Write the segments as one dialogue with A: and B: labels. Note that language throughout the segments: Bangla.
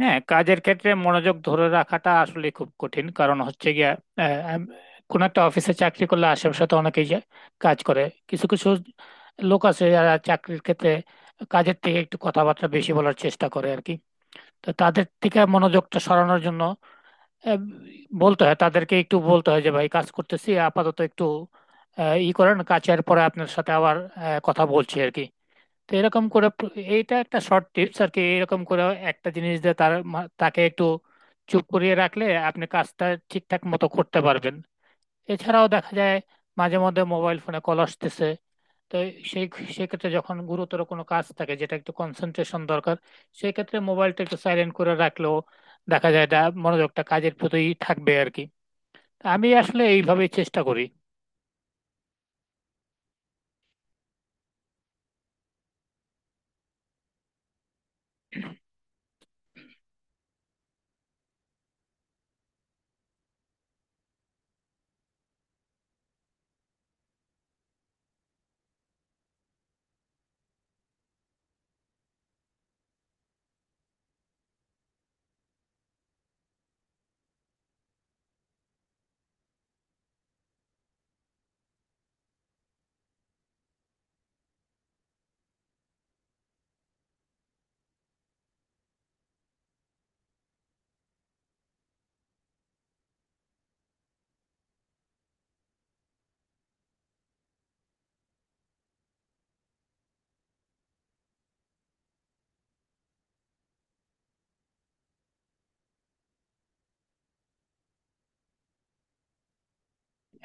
A: হ্যাঁ, কাজের ক্ষেত্রে মনোযোগ ধরে রাখাটা আসলে খুব কঠিন। কারণ হচ্ছে গিয়া আহ, আম- কোনো একটা অফিসে চাকরি করলে আশেপাশে তো অনেকেই কাজ করে। কিছু কিছু লোক আছে যারা চাকরির ক্ষেত্রে কাজের থেকে একটু কথাবার্তা বেশি বলার চেষ্টা করে আর কি। তো তাদের থেকে মনোযোগটা সরানোর জন্য আহ, বলতে হয়, তাদেরকে একটু বলতে হয় যে ভাই, কাজ করতেছি আপাতত, একটু আহ, ই করেন, কাজের পরে আপনার সাথে আবার কথা বলছি আর কি। তো এরকম করে এইটা একটা শর্ট টিপস আর কি। এরকম করে একটা জিনিস দিয়ে তাকে একটু চুপ করিয়ে রাখলে আপনি কাজটা ঠিকঠাক মতো করতে পারবেন। এছাড়াও দেখা যায় মাঝে মধ্যে মোবাইল ফোনে কল আসতেছে। তো সেই সেক্ষেত্রে যখন গুরুতর কোনো কাজ থাকে যেটা একটু কনসেন্ট্রেশন দরকার, সেই ক্ষেত্রে মোবাইলটা একটু সাইলেন্ট করে রাখলেও দেখা যায় এটা মনোযোগটা কাজের প্রতিই থাকবে আর কি। আমি আসলে এইভাবেই চেষ্টা করি।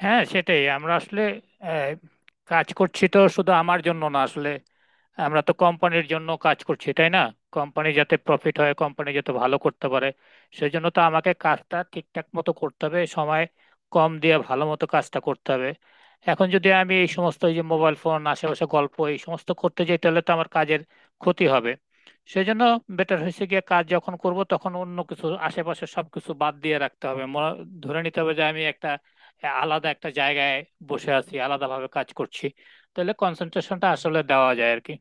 A: হ্যাঁ, সেটাই। আমরা আসলে আহ, কাজ করছি তো শুধু আমার জন্য না আসলে, আমরা তো কোম্পানির জন্য কাজ করছি তাই না? কোম্পানি যাতে প্রফিট হয়, কোম্পানি যাতে ভালো করতে পারে, সেজন্য তো আমাকে কাজটা ঠিকঠাক মতো করতে হবে, সময় কম দিয়ে ভালো মতো কাজটা করতে হবে। এখন যদি আমি এই সমস্ত, এই যে মোবাইল ফোন, আশেপাশে গল্প, এই সমস্ত করতে যাই তাহলে তো আমার কাজের ক্ষতি হবে। সেজন্য বেটার হয়েছে গিয়ে কাজ যখন করব তখন অন্য কিছু, আশেপাশে সবকিছু বাদ দিয়ে রাখতে হবে। ধরে নিতে হবে যে আমি একটা আলাদা একটা জায়গায় বসে আছি, আলাদাভাবে কাজ করছি, তাহলে কনসেন্ট্রেশনটা আসলে দেওয়া যায় আর কি।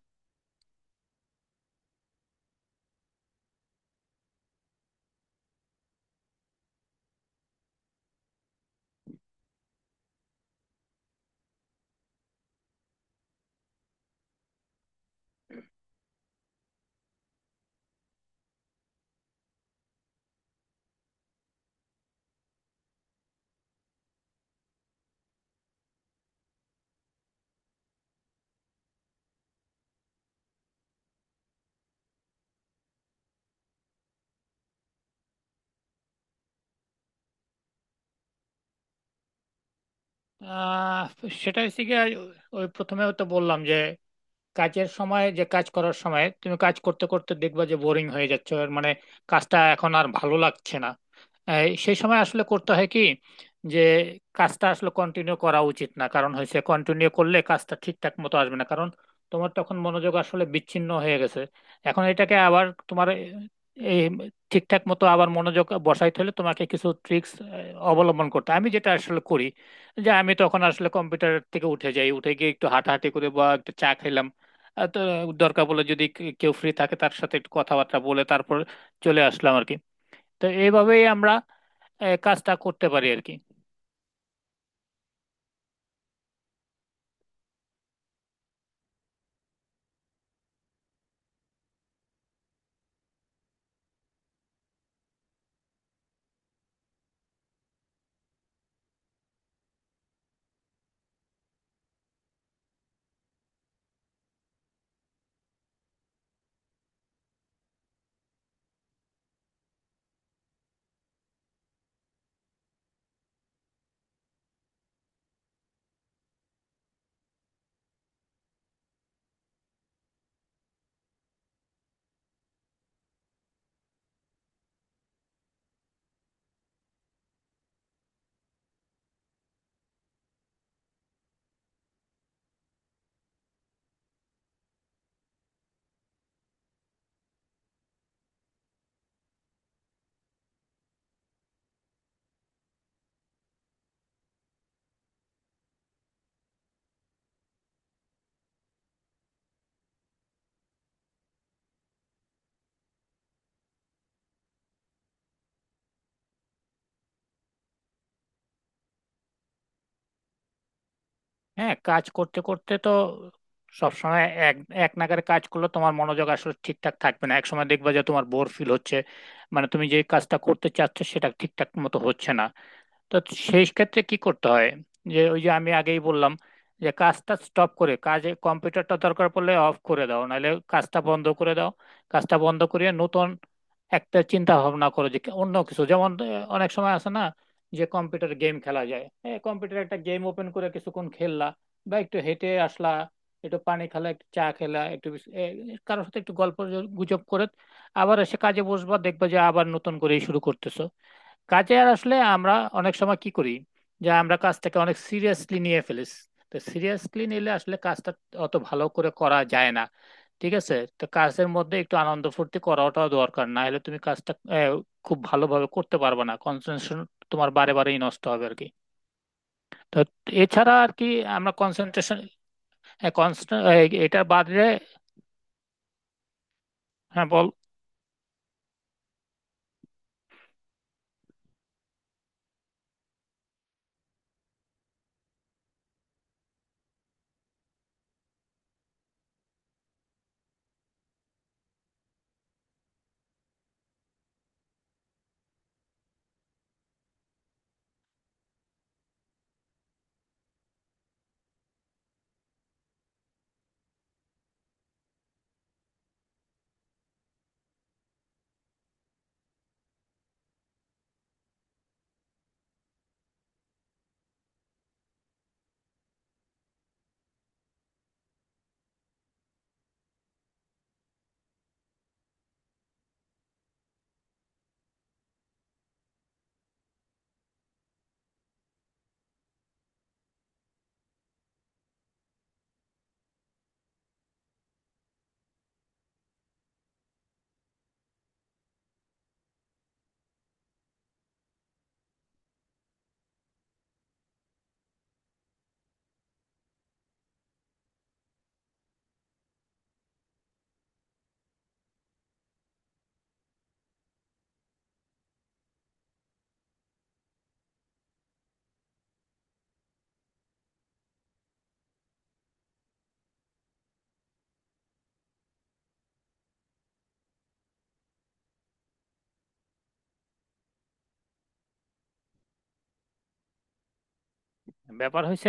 A: আহ, সেটা হচ্ছে গিয়ে ওই প্রথমেও তো বললাম যে কাজের সময়, যে কাজ করার সময় তুমি কাজ করতে করতে দেখবা যে বোরিং হয়ে যাচ্ছে আর মানে কাজটা এখন আর ভালো লাগছে না। এই সেই সময় আসলে করতে হয় কি, যে কাজটা আসলে কন্টিনিউ করা উচিত না। কারণ হয়েছে, কন্টিনিউ করলে কাজটা ঠিকঠাক মতো আসবে না, কারণ তোমার তখন মনোযোগ আসলে বিচ্ছিন্ন হয়ে গেছে। এখন এটাকে আবার তোমার এই ঠিকঠাক মতো আবার মনোযোগ বসাইতে হলে তোমাকে কিছু ট্রিক্স অবলম্বন করতে হয়। আমি যেটা আসলে করি, যে আমি তখন আসলে কম্পিউটার থেকে উঠে যাই, উঠে গিয়ে একটু হাঁটাহাঁটি করে বা একটু চা খেলাম, আর তো দরকার পড়লে যদি কেউ ফ্রি থাকে তার সাথে একটু কথাবার্তা বলে, তারপর চলে আসলাম আর কি। তো এইভাবেই আমরা কাজটা করতে পারি আর কি। হ্যাঁ, কাজ করতে করতে তো সবসময় এক এক নাগাড়ে কাজ করলে তোমার মনোযোগ আসলে ঠিকঠাক থাকবে না। এক সময় দেখবা যে তোমার বোর ফিল হচ্ছে, মানে তুমি যে কাজটা করতে চাচ্ছ সেটা ঠিকঠাক মতো হচ্ছে না। তো সেই ক্ষেত্রে কি করতে হয়, যে ওই যে আমি আগেই বললাম, যে কাজটা স্টপ করে, কাজে কম্পিউটারটা দরকার পড়লে অফ করে দাও নাহলে কাজটা বন্ধ করে দাও। কাজটা বন্ধ করে নতুন একটা চিন্তা ভাবনা করো যে অন্য কিছু, যেমন অনেক সময় আছে না যে কম্পিউটার গেম খেলা যায়, কম্পিউটার একটা গেম ওপেন করে কিছুক্ষণ খেললা, বা একটু হেঁটে আসলা, একটু পানি খেলা, একটু চা খেলা, একটু কারোর সাথে একটু গল্প গুজব করে আবার এসে কাজে বসবা, দেখবা যে আবার নতুন করে শুরু করতেছো কাজে। আর আসলে আমরা অনেক সময় কি করি, যে আমরা কাজটাকে অনেক সিরিয়াসলি নিয়ে ফেলিস। তো সিরিয়াসলি নিলে আসলে কাজটা অত ভালো করে করা যায় না, ঠিক আছে? তো কাজের মধ্যে একটু আনন্দ ফুর্তি করাটাও দরকার, না হলে তুমি কাজটা খুব ভালোভাবে করতে পারবে না, কনসেন্ট্রেশন তোমার বারে বারেই নষ্ট হবে আর কি। তো এছাড়া আর কি আমরা কনসেন্ট্রেশন, এটা বাদে। হ্যাঁ, বল। ব্যাপার হয়েছে,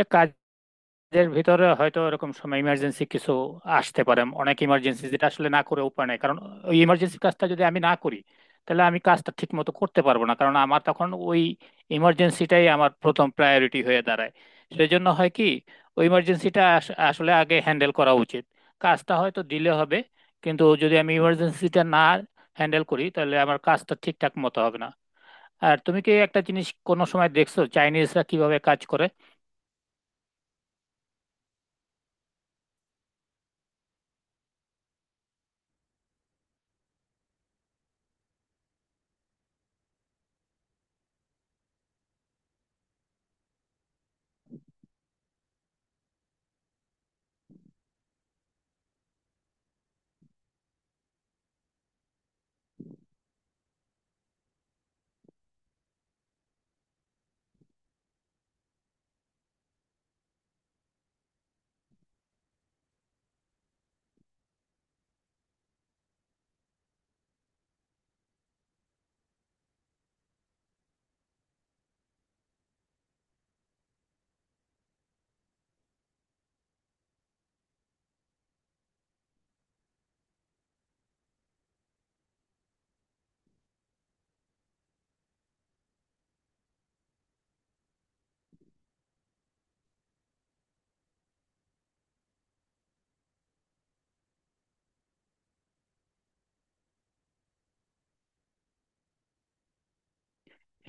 A: এর ভিতরে হয়তো এরকম সময় ইমার্জেন্সি কিছু আসতে পারে, অনেক ইমার্জেন্সি যেটা আসলে না করে উপায় নাই। কারণ ওই ইমার্জেন্সি কাজটা যদি আমি না করি, তাহলে আমি কাজটা ঠিক মতো করতে পারবো না, কারণ আমার তখন ওই ইমার্জেন্সিটাই আমার প্রথম প্রায়োরিটি হয়ে দাঁড়ায়। সেই জন্য হয় কি, ওই ইমার্জেন্সিটা আসলে আগে হ্যান্ডেল করা উচিত। কাজটা হয়তো ডিলে হবে, কিন্তু যদি আমি ইমার্জেন্সিটা না হ্যান্ডেল করি তাহলে আমার কাজটা ঠিকঠাক মতো হবে না। আর তুমি কি একটা জিনিস কোনো সময় দেখছো চাইনিজরা কিভাবে কাজ করে?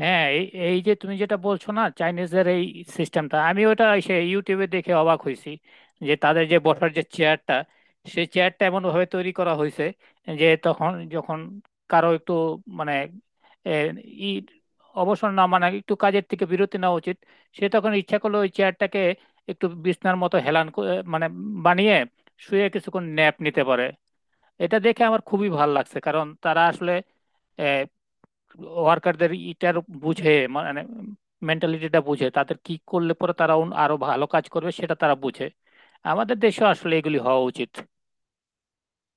A: হ্যাঁ, এই এই যে তুমি যেটা বলছো না, চাইনিজদের এই সিস্টেমটা আমি ওটা সে ইউটিউবে দেখে অবাক হয়েছি। যে তাদের যে বসার যে চেয়ারটা, সেই চেয়ারটা এমন ভাবে তৈরি করা হয়েছে যে তখন যখন কারো একটু মানে এ, ই অবসর না মানে একটু কাজের থেকে বিরতি নেওয়া উচিত, সে তখন ইচ্ছা করলো ওই চেয়ারটাকে একটু বিছনার মতো মানে বানিয়ে শুয়ে কিছুক্ষণ ন্যাপ নিতে পারে। এটা দেখে আমার খুবই ভালো লাগছে, কারণ তারা আসলে ওয়ার্কারদের ইটার বুঝে, মানে মেন্টালিটিটা বুঝে, তাদের কি করলে পরে তারা আরো ভালো কাজ করবে সেটা তারা বুঝে। আমাদের দেশে আসলে এগুলি হওয়া উচিত।